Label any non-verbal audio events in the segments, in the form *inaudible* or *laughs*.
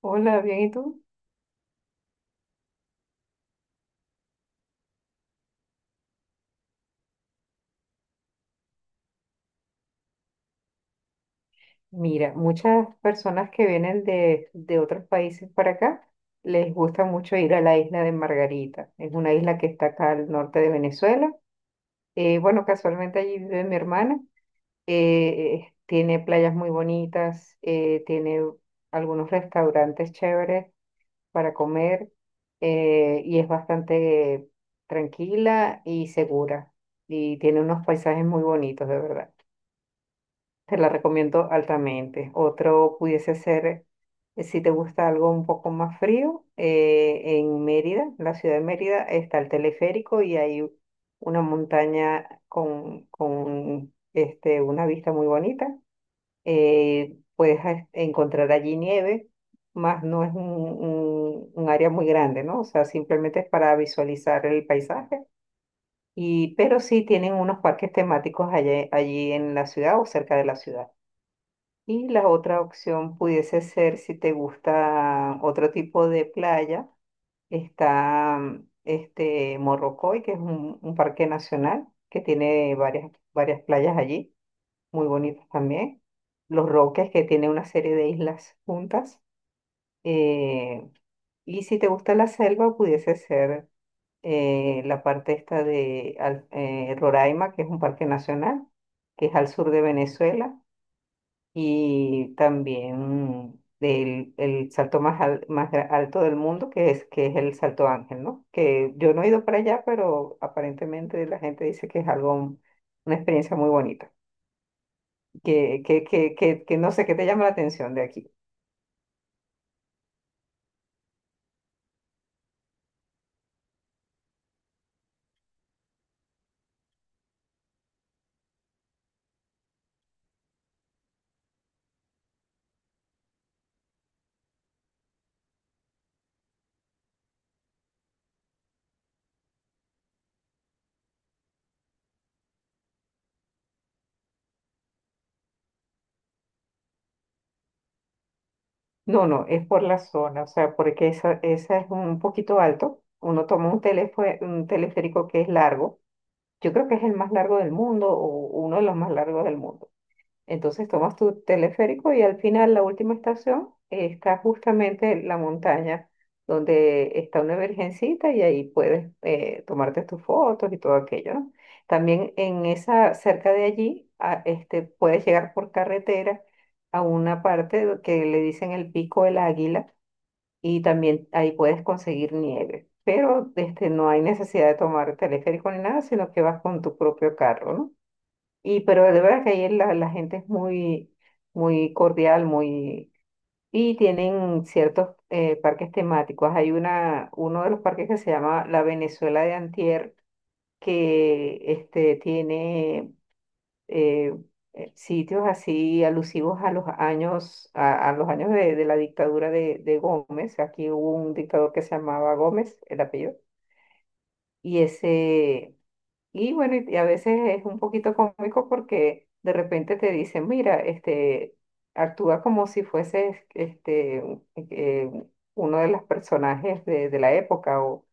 Hola, bien, ¿y tú? Mira, muchas personas que vienen de otros países para acá les gusta mucho ir a la isla de Margarita. Es una isla que está acá al norte de Venezuela. Bueno, casualmente allí vive mi hermana. Tiene playas muy bonitas, tiene algunos restaurantes chéveres para comer y es bastante tranquila y segura. Y tiene unos paisajes muy bonitos, de verdad. Te la recomiendo altamente. Otro pudiese ser, si te gusta algo un poco más frío, en Mérida, en la ciudad de Mérida, está el teleférico y hay una montaña con este, una vista muy bonita. Puedes encontrar allí nieve, más no es un área muy grande, ¿no? O sea, simplemente es para visualizar el paisaje. Y pero sí tienen unos parques temáticos allí, allí en la ciudad o cerca de la ciudad. Y la otra opción pudiese ser, si te gusta otro tipo de playa, está este Morrocoy, que es un parque nacional que tiene varias playas allí, muy bonitas también. Los Roques, que tiene una serie de islas juntas. eh, y si te gusta la selva, pudiese ser la parte esta de Roraima, que es un parque nacional, que es al sur de Venezuela, y también el salto más, más alto del mundo, que es el Salto Ángel, ¿no? Que yo no he ido para allá, pero aparentemente la gente dice que es algo, una experiencia muy bonita, que no sé, qué te llama la atención de aquí. No, no, es por la zona, o sea, porque esa es un poquito alto. Uno toma un un teleférico que es largo. Yo creo que es el más largo del mundo o uno de los más largos del mundo. Entonces tomas tu teleférico y al final la última estación está justamente en la montaña donde está una virgencita y ahí puedes tomarte tus fotos y todo aquello, ¿no? También en esa, cerca de allí, este, puedes llegar por carretera a una parte que le dicen el Pico del Águila, y también ahí puedes conseguir nieve. Pero este, no hay necesidad de tomar teleférico ni nada, sino que vas con tu propio carro, ¿no? Y pero de verdad que ahí la, la gente es muy, muy cordial, muy... Y tienen ciertos parques temáticos. Hay una, uno de los parques que se llama La Venezuela de Antier, que este, tiene eh, sitios así alusivos a los años, a los años de la dictadura de Gómez. Aquí hubo un dictador que se llamaba Gómez, el apellido. Y ese y bueno, y a veces es un poquito cómico porque de repente te dicen, mira, este, actúa como si fueses este, uno de los personajes de la época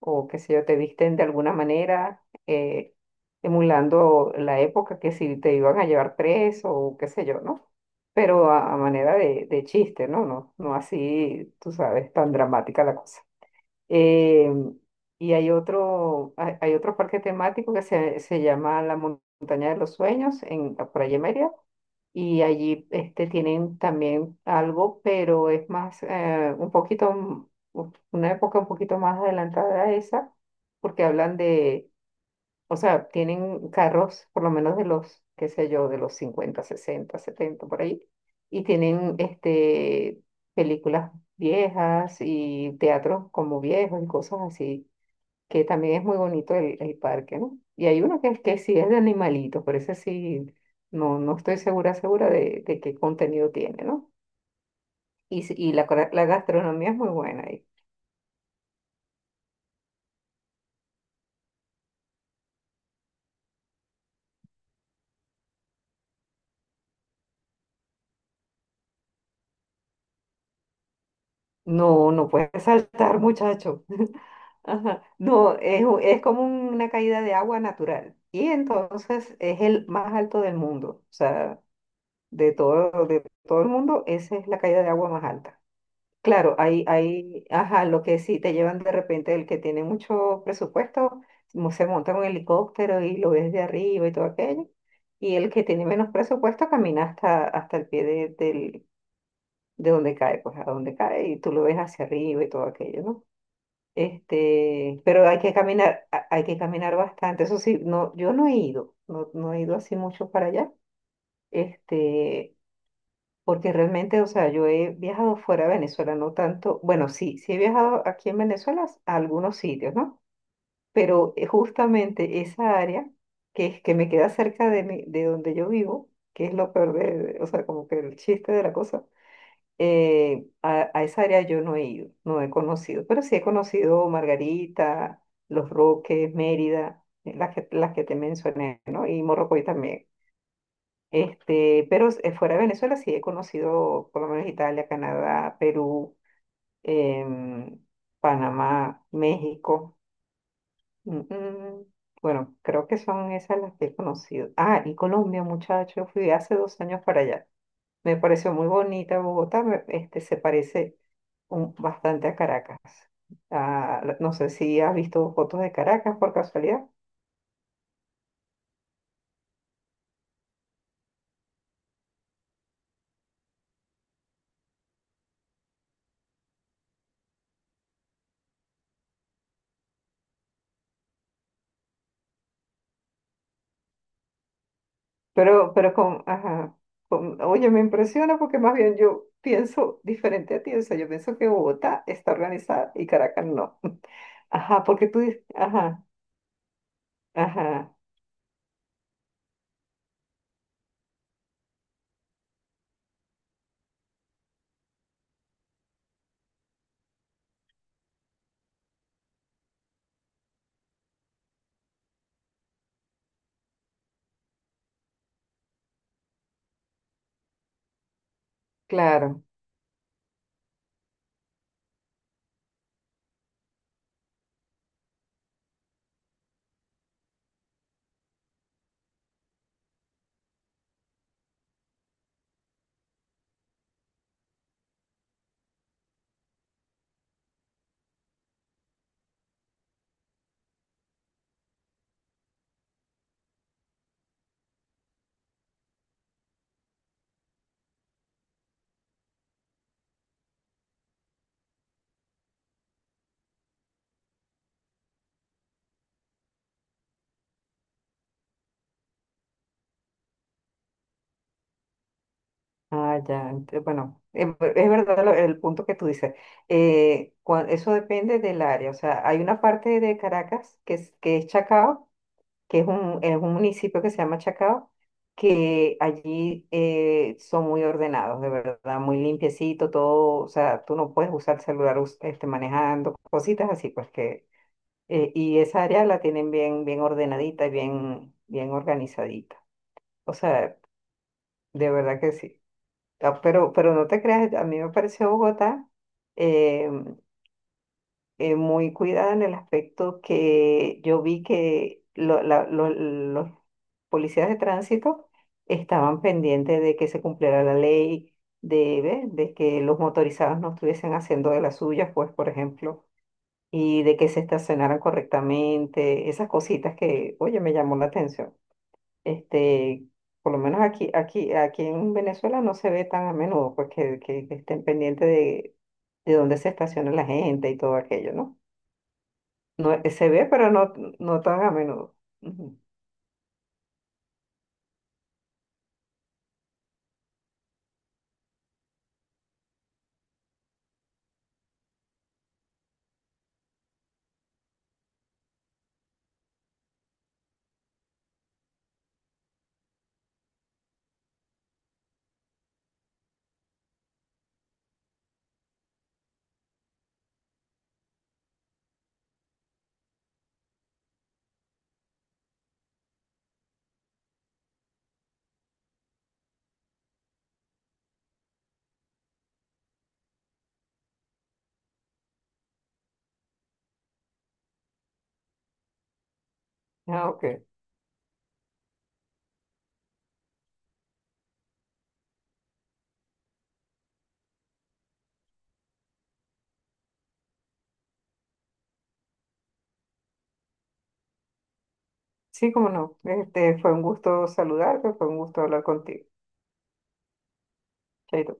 o qué sé yo, te visten de alguna manera emulando la época que si te iban a llevar preso o qué sé yo, ¿no? Pero a manera de chiste, ¿no? No, no así, tú sabes, tan dramática la cosa. Eh, y hay otro, hay otro parque temático se llama la Montaña de los Sueños, en, por allí en Mérida. Y allí este, tienen también algo, pero es más, un poquito, una época un poquito más adelantada a esa, porque hablan de, o sea, tienen carros, por lo menos de los, qué sé yo, de los 50, 60, 70, por ahí, y tienen este, películas viejas y teatros como viejos y cosas así, que también es muy bonito el parque, ¿no? Y hay uno que, que sí es de animalitos, por eso sí, no, no estoy segura, segura de qué contenido tiene, ¿no? Y, y la, la gastronomía es muy buena ahí. No, no puedes saltar, *laughs* muchacho. Ajá. No, es, es como una caída de agua natural. Y entonces es el más alto del mundo. O sea, de todo el mundo, esa es la caída de agua más alta. Claro, ajá, lo que sí te llevan de repente el que tiene mucho presupuesto, se monta en un helicóptero y lo ves de arriba y todo aquello. Y el que tiene menos presupuesto camina hasta, hasta el pie de donde cae, pues a donde cae y tú lo ves hacia arriba y todo aquello, ¿no? Este, pero hay que caminar, hay que caminar bastante. Eso sí, no, yo no he ido, no, no he ido así mucho para allá. Este, porque realmente, o sea, yo he viajado fuera de Venezuela, no tanto. Bueno, sí, sí he viajado aquí en Venezuela a algunos sitios, ¿no? Pero justamente esa área que es que me queda cerca de de donde yo vivo, que es lo peor de, o sea, como que el chiste de la cosa a esa área yo no he ido, no he conocido, pero sí he conocido Margarita, Los Roques, Mérida, las que te mencioné, ¿no? Y Morrocoy también. Este, pero fuera de Venezuela sí he conocido por lo menos Italia, Canadá, Perú, em, Panamá, México. Mm, mm. Bueno, creo que son esas las que he conocido. Ah, y Colombia, muchacho, fui hace 2 años para allá. Me pareció muy bonita Bogotá, este, se parece bastante a Caracas. Ah, no sé si has visto fotos de Caracas por casualidad, pero con, ajá, oye, me impresiona porque más bien yo pienso diferente a ti, o sea, yo pienso que Bogotá está organizada y Caracas no. *laughs* Ajá, porque tú dices, ajá, ajá, claro. Ah, ya, bueno, es verdad el punto que tú dices. Eso depende del área. O sea, hay una parte de Caracas que es Chacao, que es un municipio que se llama Chacao, que allí son muy ordenados, de verdad, muy limpiecito, todo. O sea, tú no puedes usar celular este, manejando, cositas así, pues que. Y esa área la tienen bien, bien ordenadita y bien, bien organizadita. O sea, de verdad que sí. Ah, pero no te creas, a mí me pareció Bogotá eh, muy cuidada en el aspecto que yo vi que los policías de tránsito estaban pendientes de que se cumpliera la ley, de, ¿ves? De que los motorizados no estuviesen haciendo de las suyas, pues, por ejemplo, y de que se estacionaran correctamente, esas cositas que, oye, me llamó la atención este, por lo menos aquí en Venezuela no se ve tan a menudo, pues que, que estén pendientes de dónde se estaciona la gente y todo aquello, ¿no? No, se ve, pero no, no tan a menudo. Ujú. Ah, ok. Sí, cómo no. Este, fue un gusto saludarte, fue un gusto hablar contigo. Chaito.